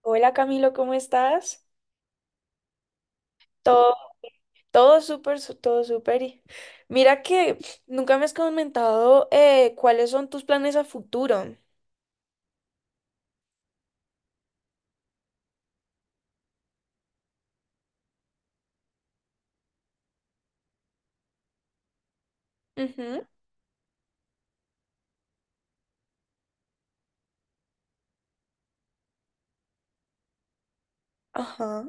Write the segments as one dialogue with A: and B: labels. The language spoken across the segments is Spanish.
A: Hola Camilo, ¿cómo estás? Todo, todo súper, todo súper. Y mira que nunca me has comentado cuáles son tus planes a futuro. Ujú. Ajá.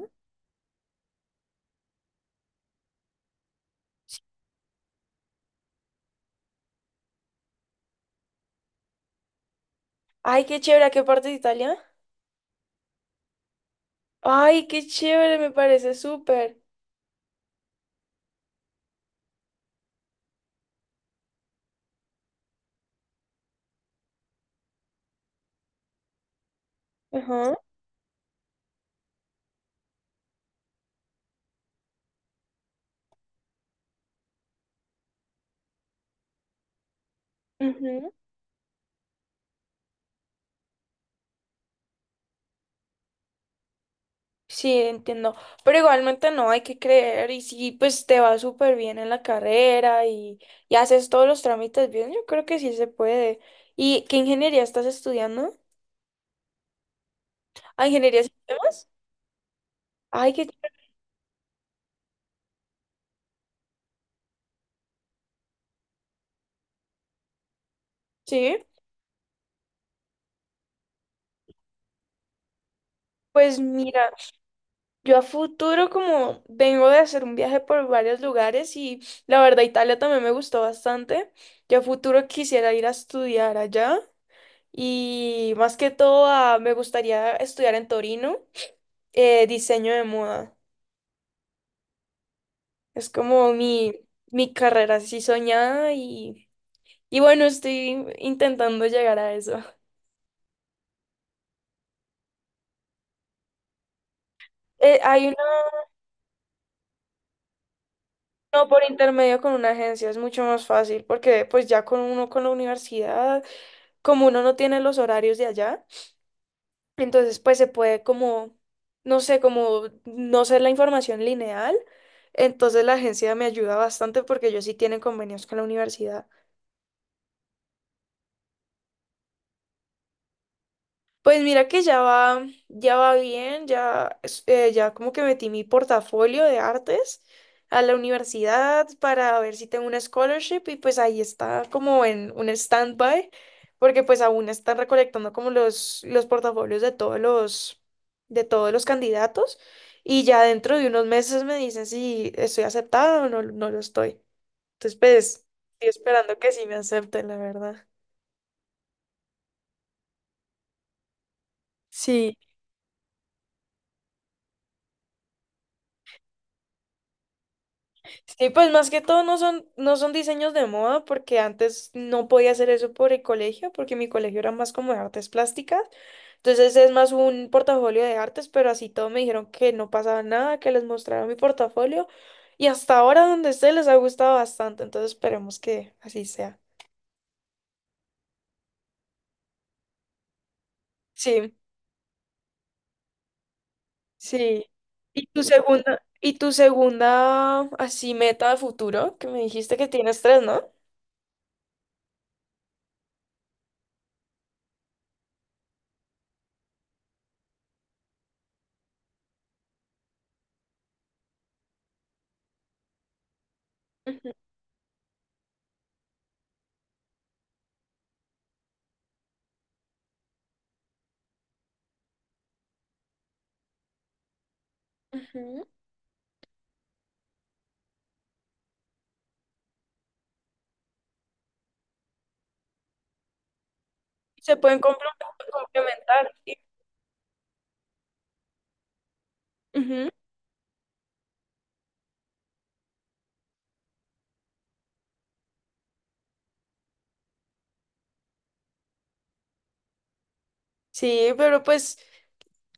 A: Ay, qué chévere, ¿a qué parte de Italia? Ay, qué chévere, me parece súper. Ajá. Ujú. Sí, entiendo. Pero igualmente no, hay que creer. Y si pues te va súper bien en la carrera y haces todos los trámites bien, yo creo que sí se puede. ¿Y qué ingeniería estás estudiando? ¿Ah, ingeniería de sistemas? Ay, qué sí, pues mira, yo a futuro como vengo de hacer un viaje por varios lugares y la verdad Italia también me gustó bastante. Yo a futuro quisiera ir a estudiar allá y más que todo me gustaría estudiar en Torino, diseño de moda. Es como mi carrera así soñada y bueno, estoy intentando llegar a eso. Hay una no, por intermedio con una agencia, es mucho más fácil porque pues ya con uno con la universidad. Como uno no tiene los horarios de allá, entonces pues se puede como, no sé, como no ser la información lineal. Entonces la agencia me ayuda bastante porque ellos sí tienen convenios con la universidad. Pues mira que ya va bien, ya como que metí mi portafolio de artes a la universidad para ver si tengo una scholarship, y pues ahí está como en un standby, porque pues aún están recolectando como los portafolios de todos de todos los candidatos, y ya dentro de unos meses me dicen si estoy aceptada o no, no lo estoy. Entonces pues estoy esperando que sí me acepten, la verdad. Sí. Sí, pues más que todo no son, no son diseños de moda, porque antes no podía hacer eso por el colegio, porque mi colegio era más como de artes plásticas. Entonces es más un portafolio de artes, pero así todo me dijeron que no pasaba nada, que les mostrara mi portafolio. Y hasta ahora donde esté les ha gustado bastante, entonces esperemos que así sea. Sí, sí. Y tu segunda así meta de futuro? Que me dijiste que tienes tres, ¿no? Ujú, ujú. Se pueden complementar. Complementar, sí. Ujú. Sí, pero pues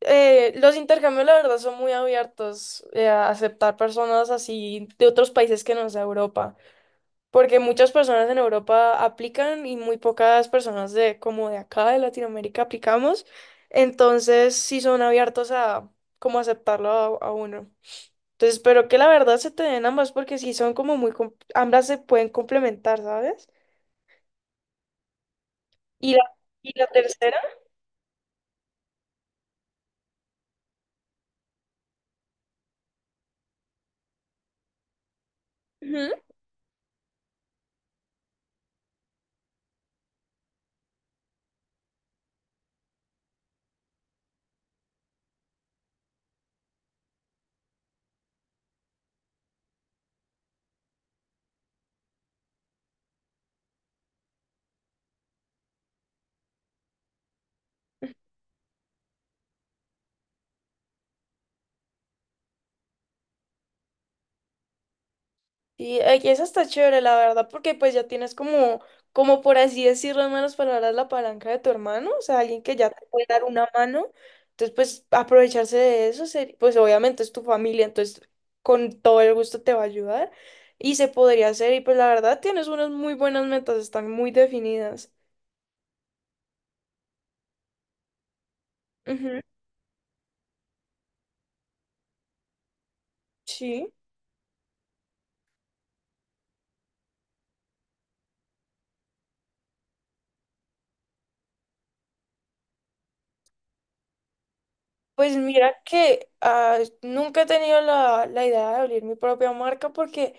A: los intercambios la verdad son muy abiertos a aceptar personas así de otros países que no sea Europa, porque muchas personas en Europa aplican y muy pocas personas de como de acá de Latinoamérica aplicamos, entonces sí son abiertos a como aceptarlo a uno. Entonces espero que la verdad se te den ambas porque sí son como muy, ambas se pueden complementar, ¿sabes? Y y la tercera. Y eso está chévere, la verdad, porque pues ya tienes como, como por así decirlo, en malas palabras, la palanca de tu hermano, o sea, alguien que ya te puede dar una mano. Entonces, pues aprovecharse de eso, pues obviamente es tu familia, entonces con todo el gusto te va a ayudar y se podría hacer. Y pues la verdad, tienes unas muy buenas metas, están muy definidas. Ujú. Sí. Pues mira que ah, nunca he tenido la idea de abrir mi propia marca porque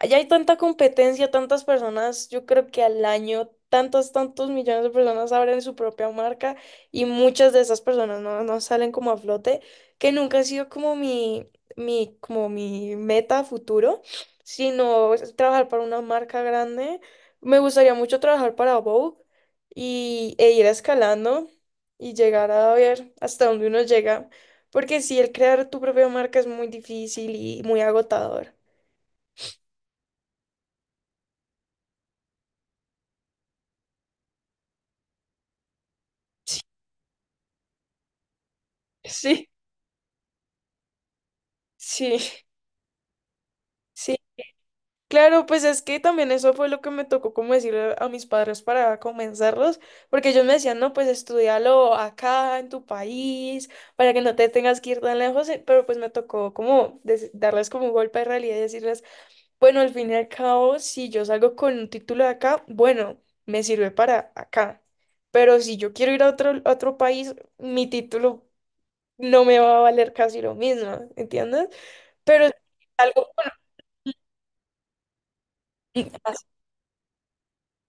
A: allá hay tanta competencia, tantas personas, yo creo que al año tantos, tantos millones de personas abren su propia marca y muchas de esas personas no, no salen como a flote, que nunca ha sido como como mi meta a futuro, sino es trabajar para una marca grande. Me gustaría mucho trabajar para Vogue e ir escalando y llegar a ver hasta dónde uno llega, porque si el crear tu propia marca es muy difícil y muy agotador. Sí, sí. Sí, sí. Claro, pues es que también eso fue lo que me tocó como decirle a mis padres para comenzarlos, porque ellos me decían, no, pues estudialo acá en tu país, para que no te tengas que ir tan lejos, pero pues me tocó como darles como un golpe de realidad y decirles, bueno, al fin y al cabo, si yo salgo con un título de acá, bueno, me sirve para acá. Pero si yo quiero ir a a otro país, mi título no me va a valer casi lo mismo, ¿entiendes? Pero algo más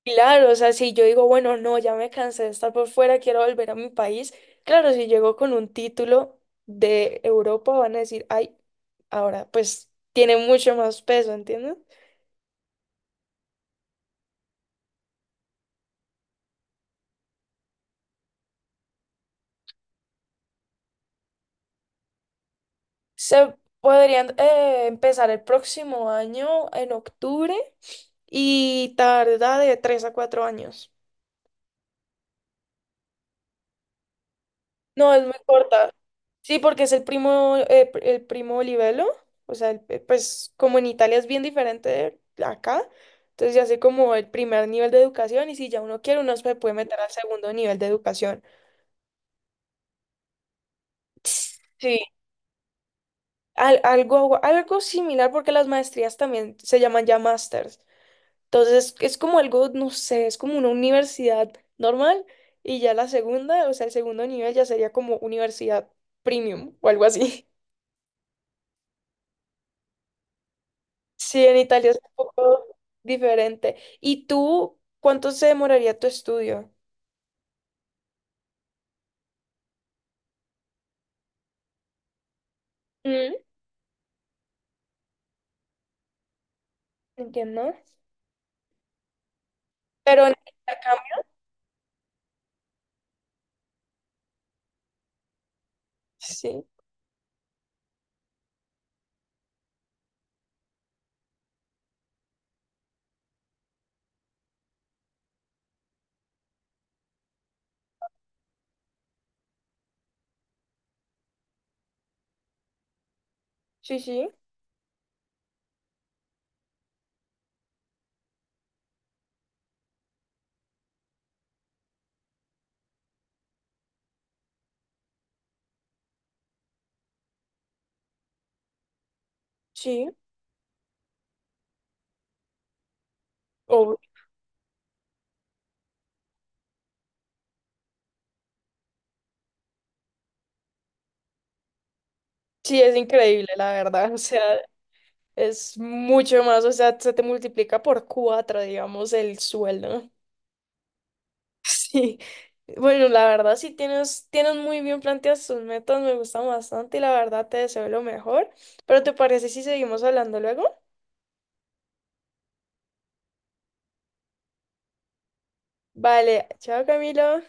A: claro, o sea, si yo digo, bueno, no, ya me cansé de estar por fuera, quiero volver a mi país, claro, si llego con un título de Europa, van a decir, ay, ahora pues tiene mucho más peso, ¿entiendes? Se podrían empezar el próximo año, en octubre, y tarda de 3 a 4 años. No, es muy corta. Sí, porque es el primo, el primo Olivelo. O sea, pues como en Italia es bien diferente de acá. Entonces ya sé como el primer nivel de educación y si ya uno quiere, uno se puede meter al segundo nivel de educación. Sí, algo, algo similar porque las maestrías también se llaman ya másters. Entonces es como algo, no sé, es como una universidad normal, y ya la segunda, o sea, el segundo nivel ya sería como universidad premium o algo así. Sí, en Italia es un poco diferente. ¿Y tú cuánto se demoraría tu estudio? Mm. Entiendo. Pero en intercambio, sí, sí, sí, sí. Obvio. Sí, es increíble, la verdad. O sea, es mucho más, o sea, se te multiplica por cuatro, digamos, el sueldo. Sí, bueno, la verdad sí tienes, tienes muy bien planteadas tus metas, me gustan bastante y la verdad te deseo lo mejor, pero ¿te parece si seguimos hablando luego? Vale, chao Camilo.